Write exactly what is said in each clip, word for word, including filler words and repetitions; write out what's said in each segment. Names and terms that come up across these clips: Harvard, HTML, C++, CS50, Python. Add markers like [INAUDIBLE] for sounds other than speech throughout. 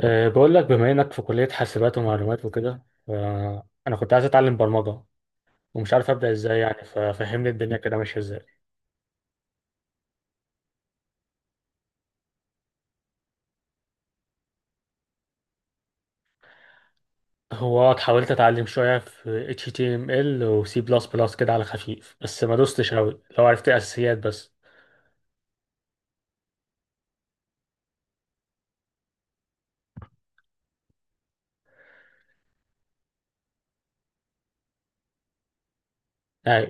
أه بقول لك بما انك في كلية حاسبات ومعلومات وكده، ف- انا كنت عايز اتعلم برمجة، ومش عارف ابدا ازاي، يعني ففهمني الدنيا كده ماشية ازاي. هو حاولت اتعلم شوية في اتش تي ام ال و سي بلس بلس كده على خفيف، بس ما دوستش قوي، لو عرفت اساسيات بس. اي،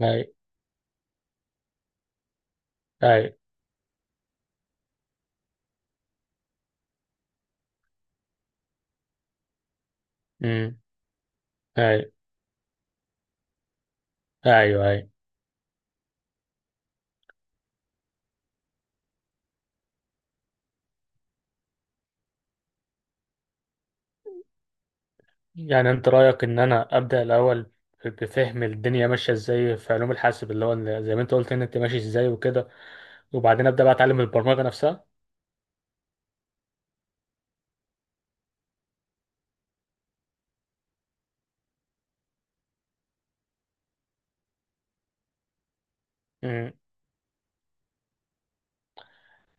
اي، اي، امم، اي، ايوه، اي. يعني انت رأيك ان انا ابدا الاول، بفهم الدنيا ماشية ازاي في علوم الحاسب، اللي هو زي ما انت قلت ان انت ماشي ازاي وكده، وبعدين ابدا بقى اتعلم البرمجة نفسها.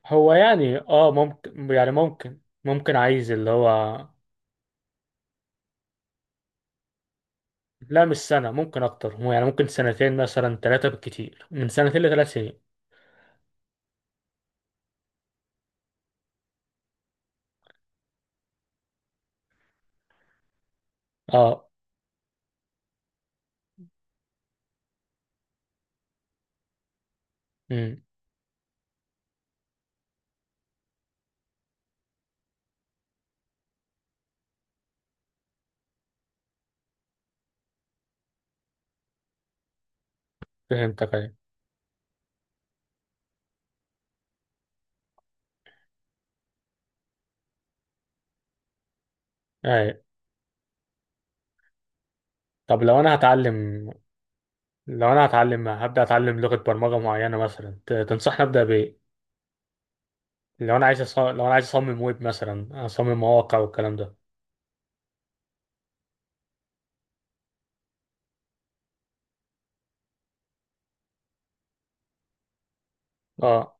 هو يعني اه ممكن، يعني ممكن ممكن عايز اللي هو، لا مش سنة، ممكن أكتر، هو يعني ممكن سنتين مثلا، ثلاثة بالكتير، من سنتين لثلاث سنين. اه. امم. فهمتك، أيوة، أيوة. طب لو أنا هتعلم، لو أنا هتعلم هبدأ أتعلم لغة برمجة معينة مثلا، ت- تنصحني أبدأ بإيه؟ لو أنا عايز أص... لو أنا عايز أصمم ويب مثلا، أصمم مواقع والكلام ده. اه،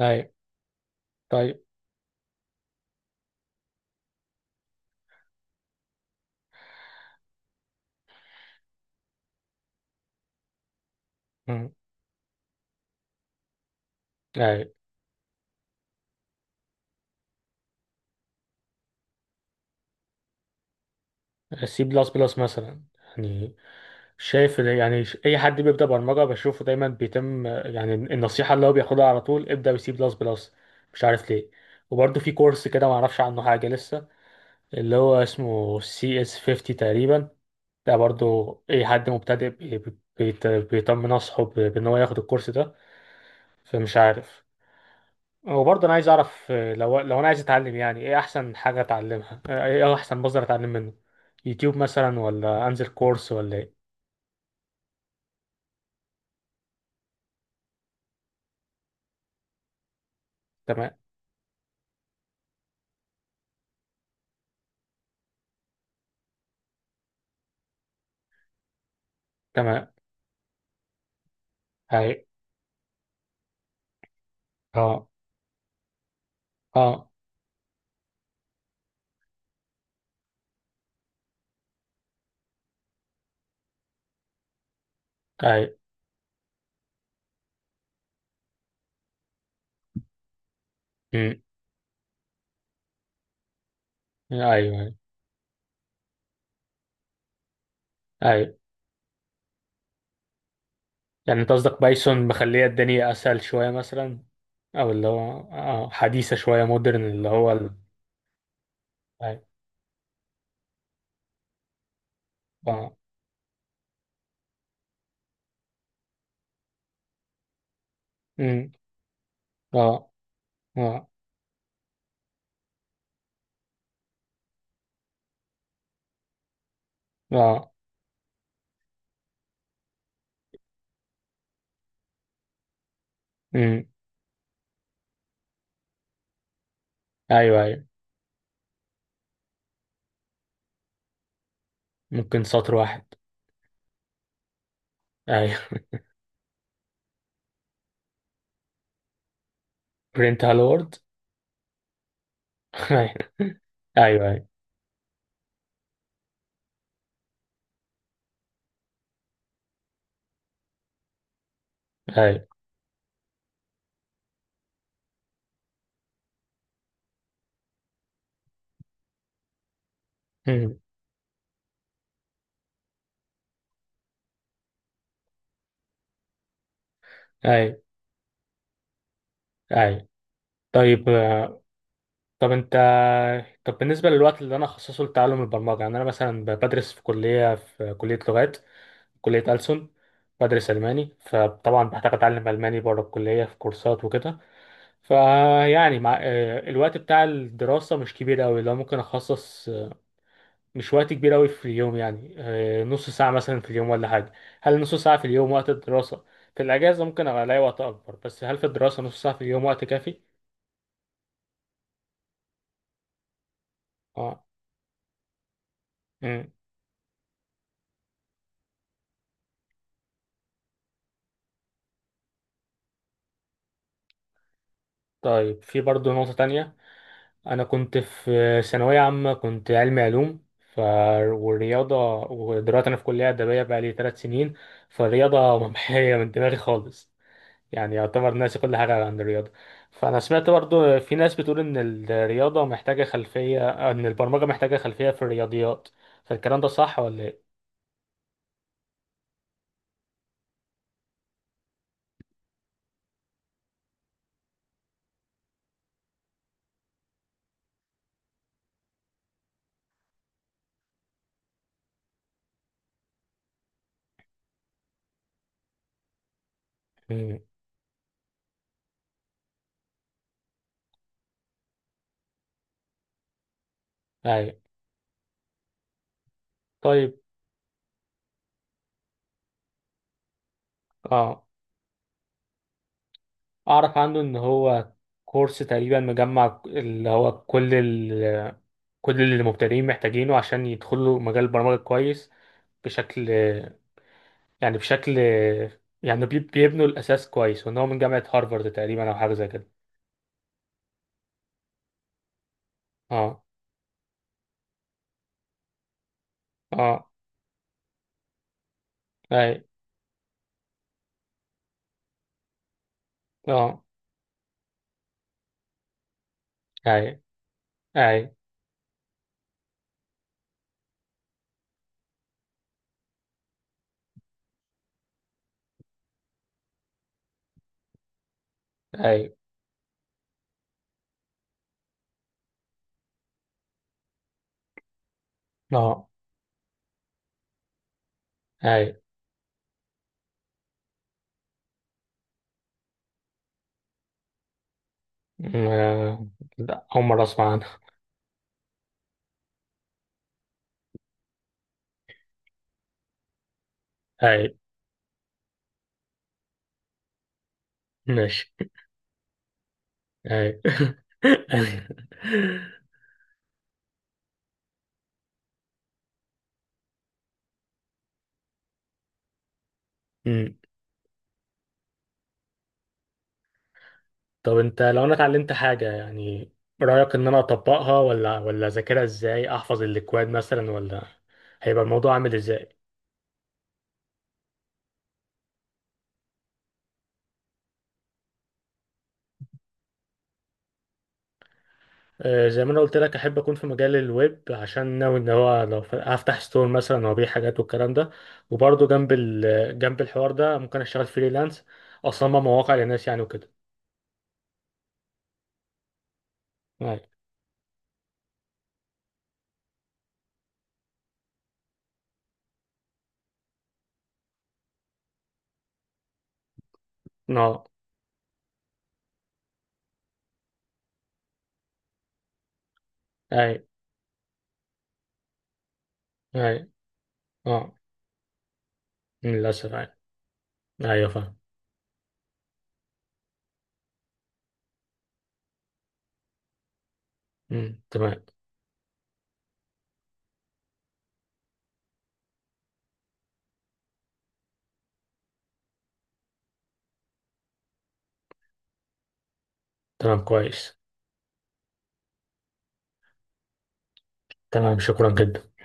أيوة، طيب، امم، أيوة. سي بلس بلس مثلا، يعني شايف إن، يعني ش- اي حد بيبدا برمجه بشوفه دايما بيتم، آه، يعني النصيحه اللي هو بياخدها على طول، ابدا بسي بلس بلس. مش عارف ليه. وبرده في كورس كده ما اعرفش عنه حاجه لسه، اللي هو اسمه سي اس خمسين تقريبا. ده برضو اي حد مبتدئ بي- بيت- بيطمن اصحه ب- بان هو ياخد الكورس ده. فمش عارف. وبرضه انا عايز اعرف، آه، لو لو انا عايز اتعلم، يعني ايه احسن حاجه اتعلمها، آه، ايه احسن مصدر اتعلم منه؟ يوتيوب مثلا، ولا انزل كورس، ولا ايه؟ تمام. تمام. هاي. اه. اه. ايوه. امم. ايوه. ايوه. ايوه. يعني انت قصدك بايثون مخليه الدنيا اسهل شويه مثلا، او اللي هو اه حديثه شويه، مودرن، اللي هو ال... ايوه. اه. امم. اه. اه. اه. امم. ايوه. ايوه. ممكن سطر واحد. ايوه [LAUGHS] برنت هالو وورد [LAUGHS] ايوه، ايوه، ايوه. امم. ايوه، ايوه. طيب. آه، طب انت طب بالنسبه للوقت اللي انا اخصصه لتعلم البرمجه، يعني انا مثلا بدرس في كليه في كليه لغات، كلية ألسن. بدرس ألماني، فطبعا بحتاج أتعلم ألماني بره الكلية في كورسات وكده. فيعني مع آه، الوقت بتاع الدراسة مش كبير أوي، لو ممكن أخصص، آه، مش وقت كبير أوي في اليوم، يعني آه، نص ساعة مثلا في اليوم ولا حاجة. هل نص ساعة في اليوم وقت الدراسة؟ في الأجازة ممكن أبقى ألاقي وقت أكبر، بس هل في الدراسة نص ساعة في اليوم وقت كافي؟ اه. مم. طيب، في برضه نقطة تانية. انا كنت في ثانويه عامه، كنت علمي علوم ف والرياضه. ودلوقتي انا في كليه ادبيه بقى لي ثلاث سنين. فالرياضه [LAUGHS] ممحيه من دماغي خالص. يعني يعتبر ناسي كل حاجه عن الرياضه. فانا سمعت برضو في ناس بتقول ان الرياضه محتاجه خلفيه ان البرمجه محتاجه خلفيه في الرياضيات. فالكلام ده صح ولا ايه؟ مم. ايوه. طيب. اه، اعرف عنه ان هو كورس تقريبا مجمع، اللي هو كل كل اللي مبتدئين محتاجينه عشان يدخلوا مجال البرمجة كويس. بشكل يعني بشكل يعني بي- بيبنوا الأساس كويس، وإن هو من جامعة هارفارد تقريبا أو حاجة زي كده. اه. اه. أي. اه. أي. أي. أي. اه. أي. م- آه، لا، أول مرة أسمع عنها. أي. ماشي. أي [LAUGHS] أي. طب انت، لو انا اتعلمت حاجة يعني، رأيك ان انا اطبقها، ولا ولا اذاكرها؟ ازاي احفظ الاكواد مثلا، ولا هيبقى الموضوع عامل ازاي؟ آه، زي ما انا قلت لك، احب اكون في مجال الويب، عشان ناوي ان هو، لو ف- هفتح ستور مثلا، وابيع حاجات والكلام ده. وبرضه جنب ال... جنب الحوار ده ممكن اشتغل فريلانس، اصمم مواقع للناس يعني وكده. اي. اه. اي. اي. اه. للاسف اي. ايوه فاهم. مم. تمام. تمام. كويس. تمام. شكرا جدا.